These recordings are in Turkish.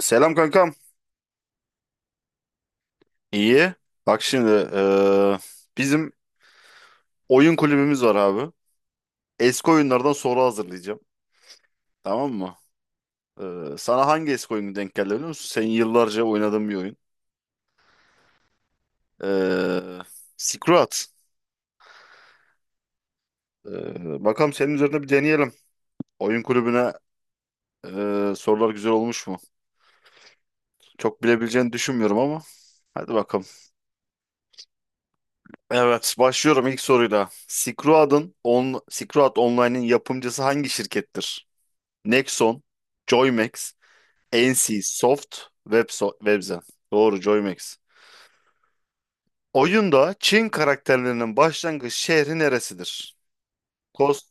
Selam kankam. İyi. Bak şimdi bizim oyun kulübümüz var abi. Eski oyunlardan soru hazırlayacağım. Tamam mı? Sana hangi eski oyunu denk geldi biliyor musun? Senin yıllarca oynadığın bir oyun. Eee Silk Road. Bakalım senin üzerinde bir deneyelim. Oyun kulübüne sorular güzel olmuş mu? Çok bilebileceğini düşünmüyorum ama. Hadi bakalım. Evet, başlıyorum ilk soruyla. Silk Road Online'in yapımcısı hangi şirkettir? Nexon, Joymax, NC Soft Webzen. Doğru, Joymax. Oyunda Çin karakterlerinin başlangıç şehri neresidir? Kos,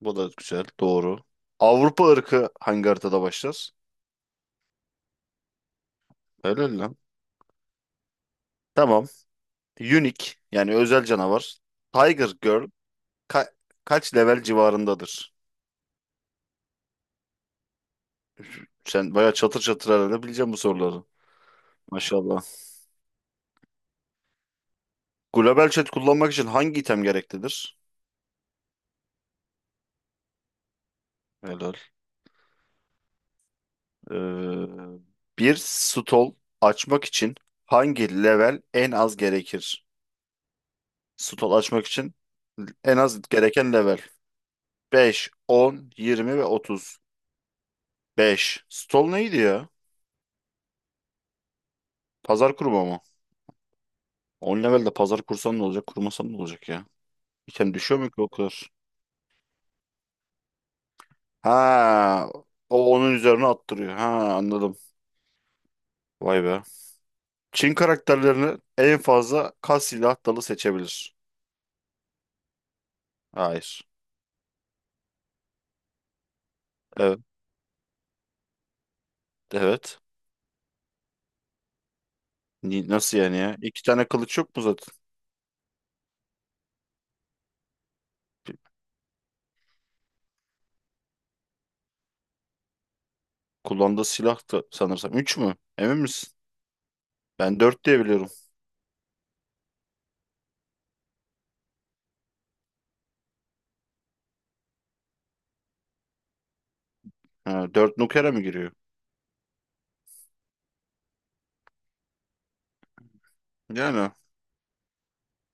bu da güzel. Doğru. Avrupa ırkı hangi haritada başlar? Helal lan. Tamam. Unique yani özel canavar. Tiger Girl ka- kaç level civarındadır? Sen bayağı çatır çatır herhalde bileceksin bu soruları. Maşallah. Global chat kullanmak için hangi item gereklidir? Helal. Ee, bir stol açmak için hangi level en az gerekir? Stol açmak için en az gereken level: 5, 10, 20 ve 30. Beş. Stol neydi ya? Pazar kurma mı? 10 levelde pazar kursan ne olacak? Kurmasan ne olacak ya? Diken düşüyor mu ki o kadar? Ha, o onun üzerine attırıyor. Ha, anladım. Vay be. Çin karakterlerini en fazla kaç silah dalı seçebilir? Hayır. Evet. Evet. Nasıl yani ya? İki tane kılıç yok mu zaten? Kullandığı silah da sanırsam. Üç mü? Emin misin? Ben dört diye biliyorum. Ha, dört nukere mı giriyor? Yani.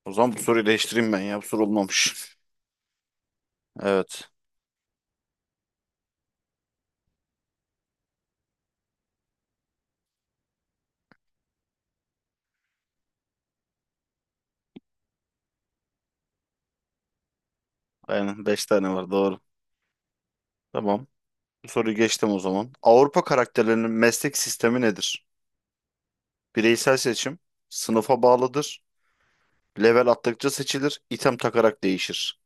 O zaman bu soruyu değiştireyim ben ya. Bu soru olmamış. Evet. Aynen. Beş tane var. Doğru. Tamam. Bu soruyu geçtim o zaman. Avrupa karakterlerinin meslek sistemi nedir? Bireysel seçim. Sınıfa bağlıdır. Level attıkça seçilir. İtem takarak değişir.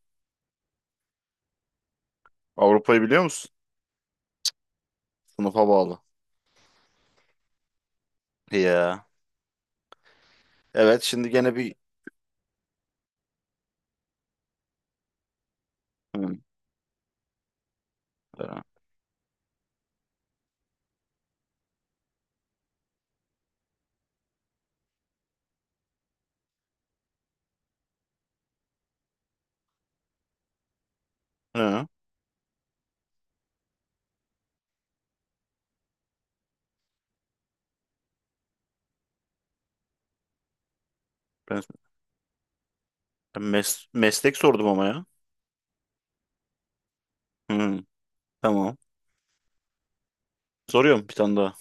Avrupa'yı biliyor musun? Sınıfa bağlı. Ya. Evet. Şimdi gene bir... Hı. Hı. Ben meslek sordum ama ya. Hmm, tamam. Soruyorum bir tane daha.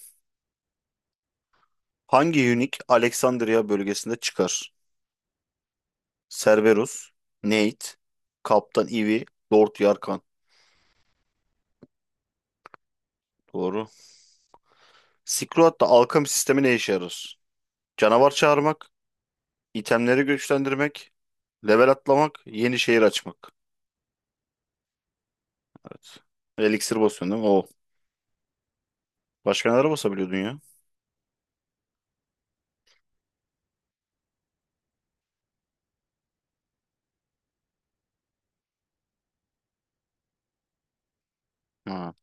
Hangi Hunik Alexandria bölgesinde çıkar? Cerberus, Nate, Kaptan Ivy, Lord Yarkan. Doğru. Silkroad alkemi sistemi ne işe yarar? Canavar çağırmak, itemleri güçlendirmek, level atlamak, yeni şehir açmak. Evet. Elixir basıyorsun değil mi? O. Başka neler basabiliyordun ya? Ha,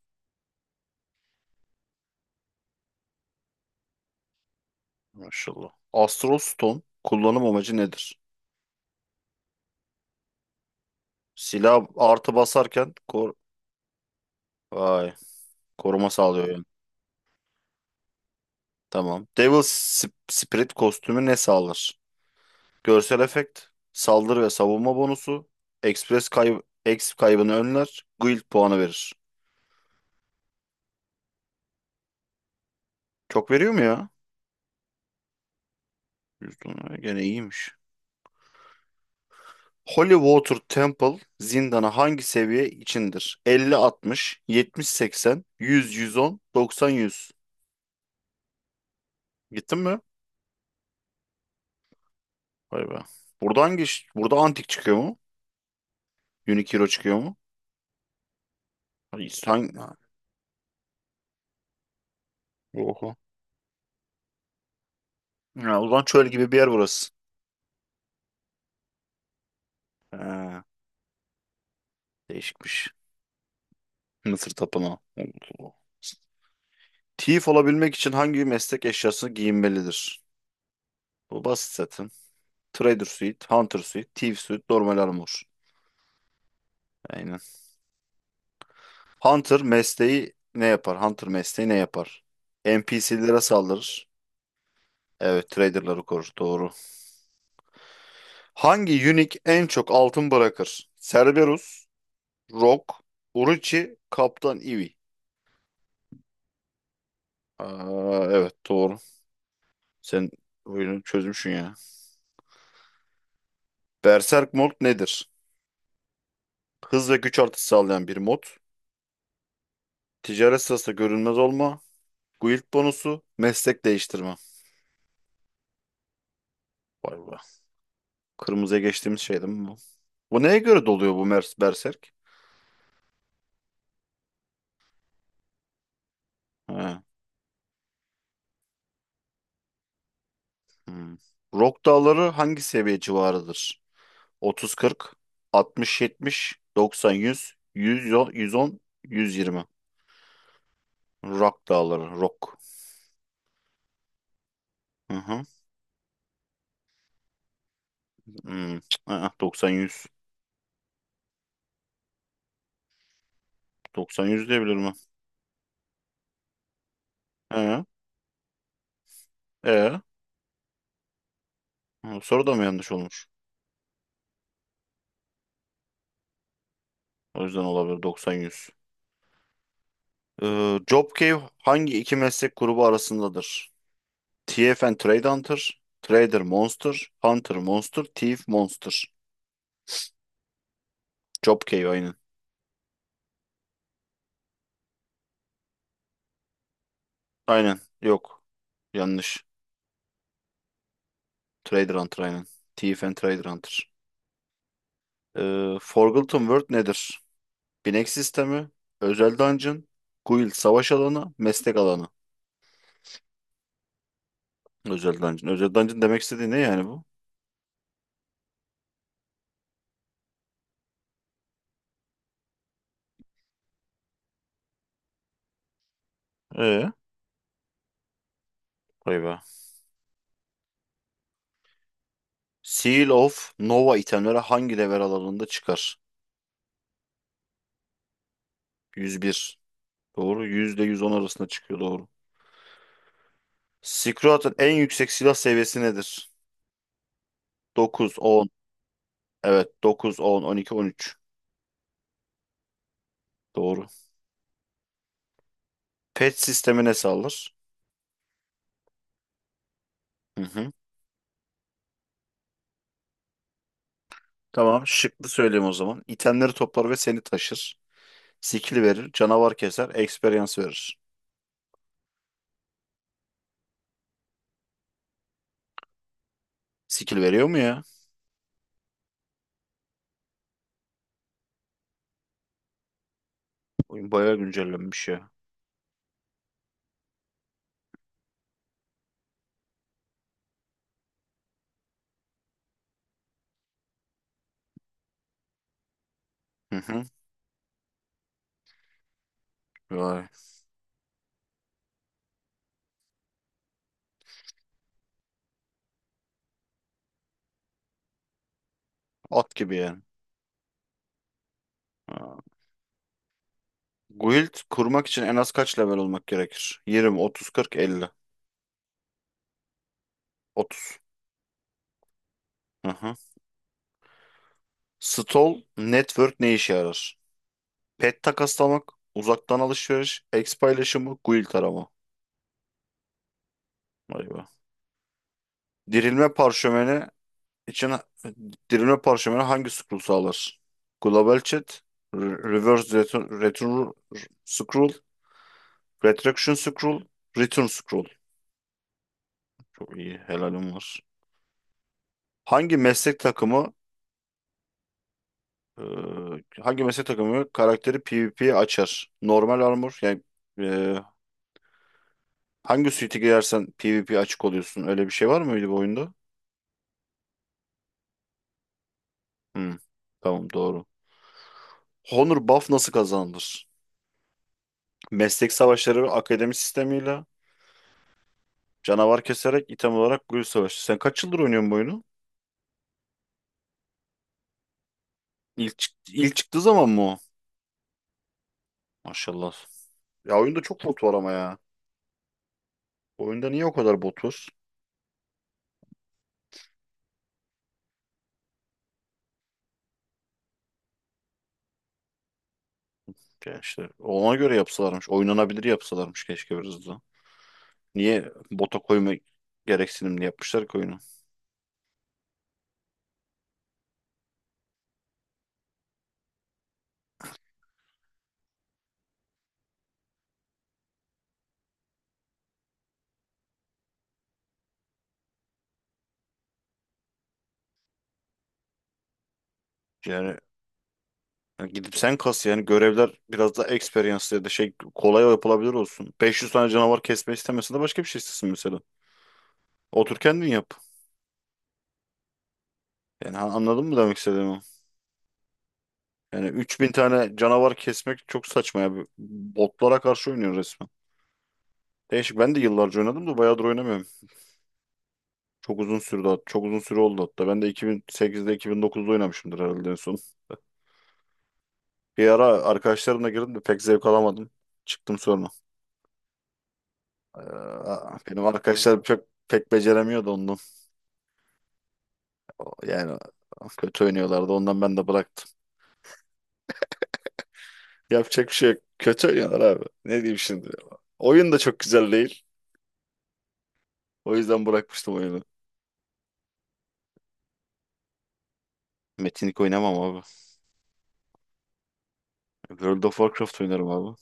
maşallah. Astral Stone kullanım amacı nedir? Silah artı basarken kor... Vay. Koruma sağlıyor yani. Tamam. Devil Spirit kostümü ne sağlar? Görsel efekt, saldırı ve savunma bonusu, Express kayb Exp kaybını önler, Guild puanı verir. Çok veriyor mu ya? %10, gene iyiymiş. Holy Water Temple zindanı hangi seviye içindir? 50, 60, 70, 80, 100, 110, 90, 100. Gittin mi? Vay be. Burada burada antik çıkıyor mu? Unique çıkıyor mu? Hayır. Hangi? Ha. Oho. Ya, o zaman çöl gibi bir yer burası. Ha, değişikmiş. Mısır tapınağı. Allah. Thief olabilmek için hangi meslek eşyasını giyinmelidir? Bu basit zaten. Trader suit, hunter suit, thief suit, normal armor. Aynen. Hunter mesleği ne yapar? Hunter mesleği ne yapar? NPC'lere saldırır. Evet, traderları korur. Doğru. Hangi unique en çok altın bırakır? Cerberus, Rock, Uruchi, Kaptan Ivy. Aa, evet, doğru. Sen oyunu çözmüşsün ya. Berserk Mode nedir? Hız ve güç artışı sağlayan bir mod. Ticaret sırasında görünmez olma. Guild bonusu. Meslek değiştirme. Vay be. Kırmızıya geçtiğimiz şey değil mi bu? Bu neye göre doluyor bu Mers Berserk? He. Hmm. Rock dağları hangi seviye civarıdır? 30-40, 60-70, 90-100, 110, 120. Rock dağları. Rock. Hı hı. Hmm. Aa, 90-100. 90-100 diyebilir mi? He. E. Soru da mı yanlış olmuş? O yüzden olabilir 90-100. Job Cave hangi iki meslek grubu arasındadır? Thief and Trade Hunter, Trader Monster, Hunter Monster, Thief Monster. Job Cave aynen. Aynen. Yok. Yanlış. Trader Hunter aynen. Thief and Trader Hunter. Forgotten World nedir? Binek sistemi, özel dungeon, guild savaş alanı, meslek alanı. Özel dungeon. Özel dungeon demek istediği ne yani bu? Ee, vay be. Seal of Nova itemleri hangi level alanında çıkar? 101. Doğru. %110 arasında çıkıyor doğru. Squat'ın en yüksek silah seviyesi nedir? Dokuz, 10. Evet, dokuz, 10, 12, 13. Doğru. Pet sistemi ne sağlar? Hı hı. Tamam. Şıklı söyleyeyim o zaman. İtemleri toplar ve seni taşır. Skill verir. Canavar keser. Experience verir. Skill veriyor mu ya? Oyun bayağı güncellenmiş ya. Hı hı. Vay. At gibi yani. Ha. Guild kurmak için en az kaç level olmak gerekir? 20, 30, 40, 50. 30. Stol network ne işe yarar? Pet takaslamak, uzaktan alışveriş, X paylaşımı, guild arama. Vay be. Dirilme parşömeni için dirilme parşömeni hangi scroll sağlar? Global chat, reverse return, return scroll, retraction scroll, return scroll. Çok iyi, helalim var. Hangi meslek takımı e, hangi meslek takımı karakteri PvP'ye açar? Normal armor yani e, hangi suite'e girersen PvP açık oluyorsun. Öyle bir şey var mıydı bu oyunda? Hmm, tamam, doğru. Honor buff nasıl kazanılır? Meslek savaşları ve akademi sistemiyle canavar keserek item olarak gül savaşı. Sen kaç yıldır oynuyorsun bu oyunu? İlk çıktığı zaman mı o? Maşallah. Ya, oyunda çok bot var ama ya. Oyunda niye o kadar bot var? Ya işte ona göre yapsalarmış. Oynanabilir yapsalarmış keşke biraz da. Niye bota koyma gereksinimli yapmışlar ki oyunu? Yani yani gidip sen kas yani görevler biraz daha experience ya da şey kolay yapılabilir olsun. 500 tane canavar kesme istemiyorsan de başka bir şey istesin mesela. Otur kendin yap. Yani anladın mı demek istediğimi? Yani 3.000 tane canavar kesmek çok saçma ya. Botlara karşı oynuyor resmen. Değişik. Ben de yıllarca oynadım da bayağıdır oynamıyorum. Çok uzun süre oldu hatta. Ben de 2008'de 2009'da oynamışımdır herhalde en son. Bir ara arkadaşlarımla girdim de pek zevk alamadım. Çıktım sonra. Ee, benim arkadaşlar pek beceremiyordu ondan. Yani kötü oynuyorlardı ondan ben de bıraktım. Yapacak bir şey yok. Kötü oynuyorlar abi. Ne diyeyim şimdi? Oyun da çok güzel değil. O yüzden bırakmıştım oyunu. Metinlik oynamam abi. World of Warcraft oynarım abi.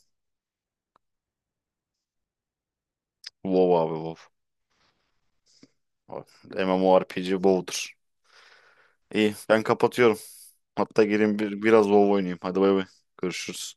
WoW abi WoW. MMO MMORPG WoW'dur. İyi, ben kapatıyorum. Hatta gelin biraz WoW oynayayım. Hadi bay bay. Görüşürüz.